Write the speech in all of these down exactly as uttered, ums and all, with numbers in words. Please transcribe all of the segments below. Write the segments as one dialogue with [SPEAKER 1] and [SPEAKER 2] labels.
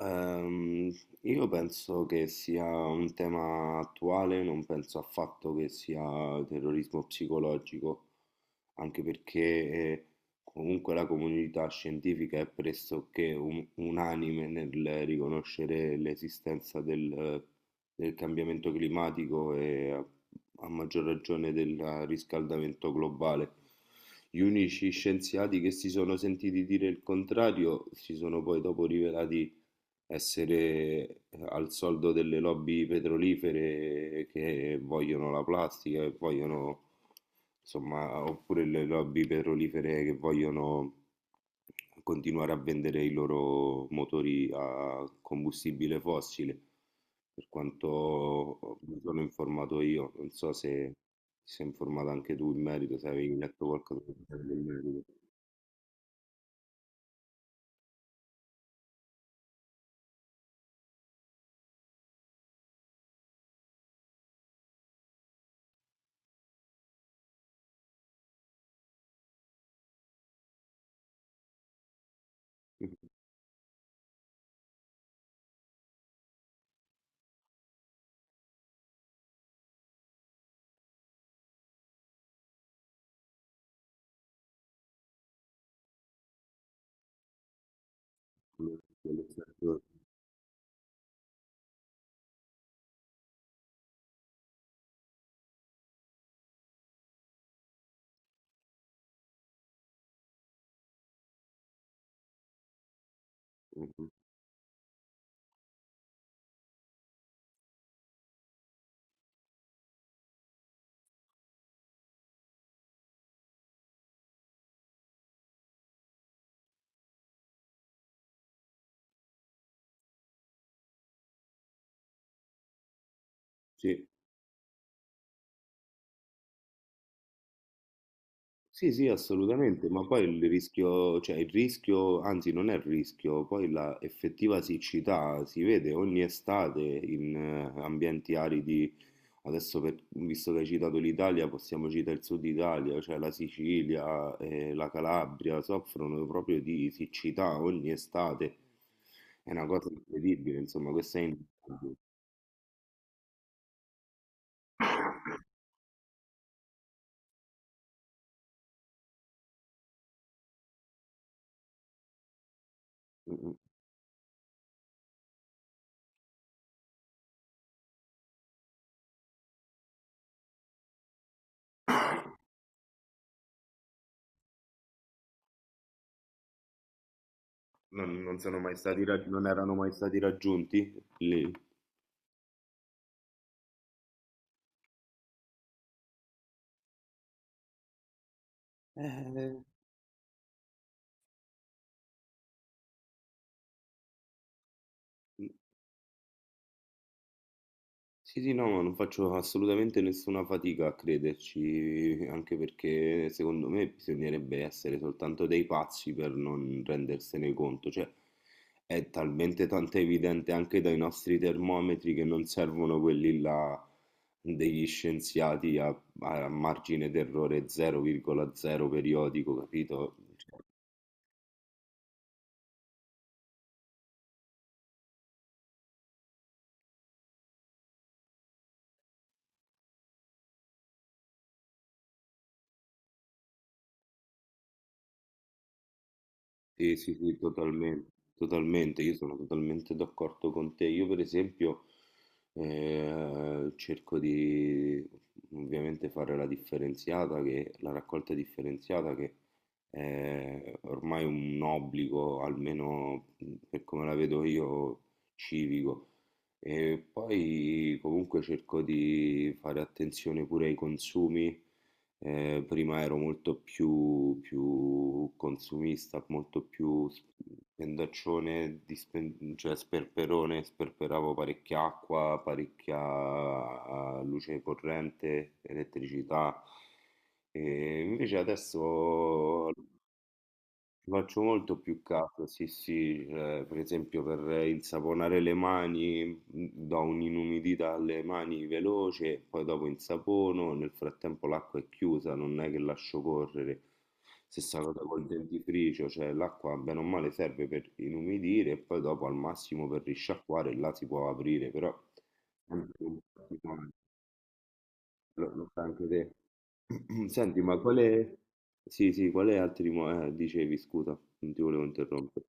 [SPEAKER 1] Ehm, io penso che sia un tema attuale, non penso affatto che sia terrorismo psicologico, anche perché eh, comunque la comunità scientifica è pressoché un- unanime nel riconoscere l'esistenza del, del cambiamento climatico e a, a maggior ragione del riscaldamento globale. Gli unici scienziati che si sono sentiti dire il contrario si sono poi dopo rivelati essere eh, al soldo delle lobby petrolifere che vogliono la plastica e vogliono, insomma, oppure le lobby petrolifere che vogliono continuare a vendere i loro motori a combustibile fossile, per quanto mi sono informato io, non so se ti sei informato anche tu in merito, se avevi letto qualcosa in merito. Mhm. Sì. Sì, sì, assolutamente, ma poi il rischio, cioè il rischio, anzi non è il rischio, poi la effettiva siccità si vede ogni estate in eh, ambienti aridi, adesso per- visto che hai citato l'Italia, possiamo citare il sud Italia, cioè la Sicilia e la Calabria soffrono proprio di siccità ogni estate, è una cosa incredibile, insomma, questo è indubbio. Mm, mm. Non, non sono mai stati, rag- non erano mai stati raggiunti lì. Eh, Sì, sì, no, ma non faccio assolutamente nessuna fatica a crederci, anche perché secondo me bisognerebbe essere soltanto dei pazzi per non rendersene conto, cioè è talmente tanto evidente anche dai nostri termometri che non servono quelli là degli scienziati a, a margine d'errore zero virgola zero periodico, capito? Cioè, sì, sì, sì, totalmente, totalmente, io sono totalmente d'accordo con te. Io per esempio eh, cerco di ovviamente fare la differenziata, che, la raccolta differenziata che è ormai un obbligo, almeno mhmm, per come la vedo io, civico. E poi comunque cerco di fare attenzione pure ai consumi eh, prima ero molto più, più consumista, molto più spendaccione, di spen- cioè sperperone, sperperavo parecchia acqua, parecchia luce corrente, elettricità. E invece adesso ci faccio molto più caso, sì, sì, eh, per esempio per il saponare le mani mh, do un'inumidità alle mani veloce, poi dopo insapono, nel frattempo l'acqua è chiusa, non è che lascio correre. Stessa cosa col dentifricio, cioè l'acqua bene o male serve per inumidire e poi dopo al massimo per risciacquare, là si può aprire, però è sempre un po' di mano. lo, lo fai anche te. Senti, ma quale... Sì, sì, quale altri... mo- eh, dicevi, scusa, non ti volevo interrompere.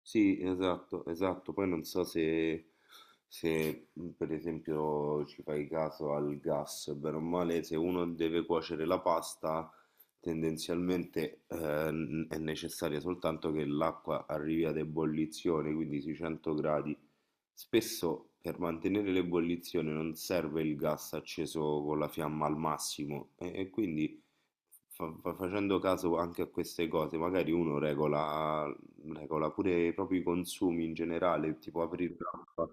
[SPEAKER 1] Sì, esatto, esatto. Poi non so se, se mh, per esempio ci fai caso al gas, bene o male, se uno deve cuocere la pasta, tendenzialmente eh, n- è necessaria soltanto che l'acqua arrivi ad ebollizione, quindi sui cento gradi. Spesso per mantenere l'ebollizione non serve il gas acceso con la fiamma al massimo e, e quindi fa- fa- facendo caso anche a queste cose, magari uno regola Regola pure i propri consumi in generale, tipo aprire un'app.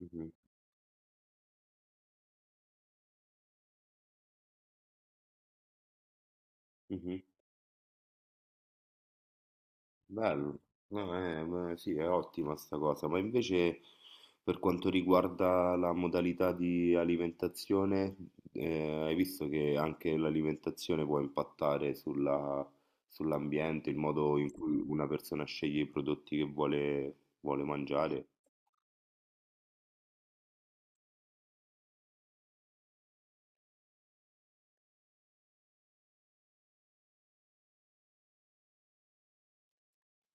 [SPEAKER 1] Mhm, mhm. Bello, no, eh, ma sì, è ottima sta cosa, ma invece per quanto riguarda la modalità di alimentazione, eh, hai visto che anche l'alimentazione può impattare sulla- sull'ambiente, il modo in cui una persona sceglie i prodotti che vuole, vuole mangiare?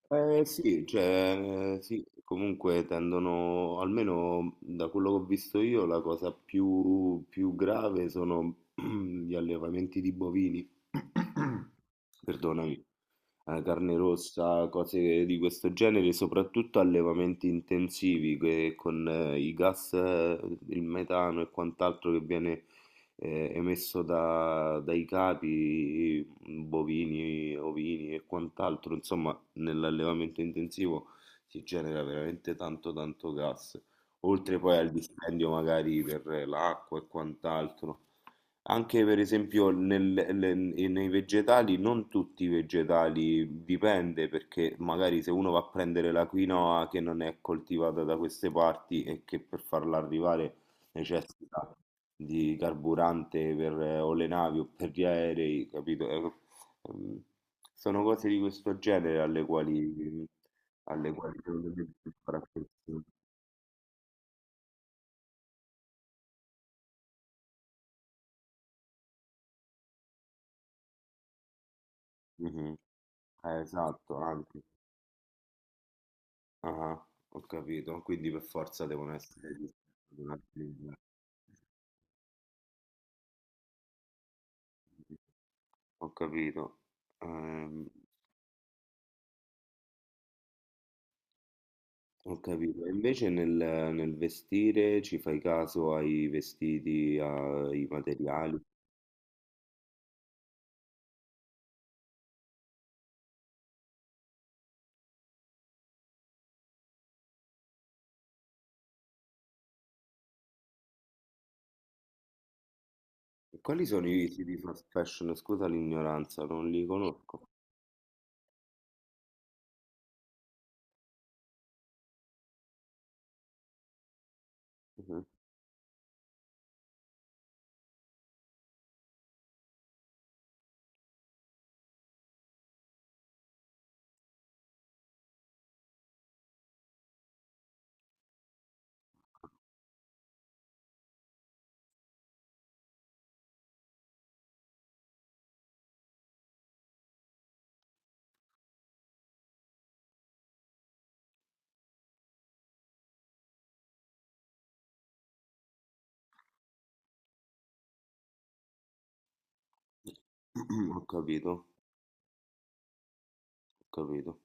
[SPEAKER 1] Eh, sì, cioè, sì, comunque tendono, almeno da quello che ho visto io, la cosa più, più grave sono gli allevamenti di bovini, perdonami, eh, carne rossa, cose di questo genere, soprattutto allevamenti intensivi che con eh, i gas, eh, il metano e quant'altro che viene eh, emesso da- dai capi, bovini, ovini e quant'altro, insomma nell'allevamento intensivo si genera veramente tanto tanto gas, oltre poi al dispendio magari per l'acqua e quant'altro. Anche per esempio nel- le- nei vegetali, non tutti i vegetali, dipende perché magari se uno va a prendere la quinoa che non è coltivata da queste parti e che per farla arrivare necessita di carburante per, eh, o le navi o per gli aerei, capito? Eh, ehm, Sono cose di questo genere alle quali alle quali secondo me si fa attenzione. Mh-mh. Eh, esatto, anche. Ah-ah, ho capito. Quindi per forza devono essere di- di una linea. Ho capito. Ehm, ho capito. E invece nel nel vestire ci fai caso ai vestiti, ai materiali? E quali sono i tipi di fast fashion? Scusa l'ignoranza, non li conosco. Mh-mh. Ho capito, ho capito.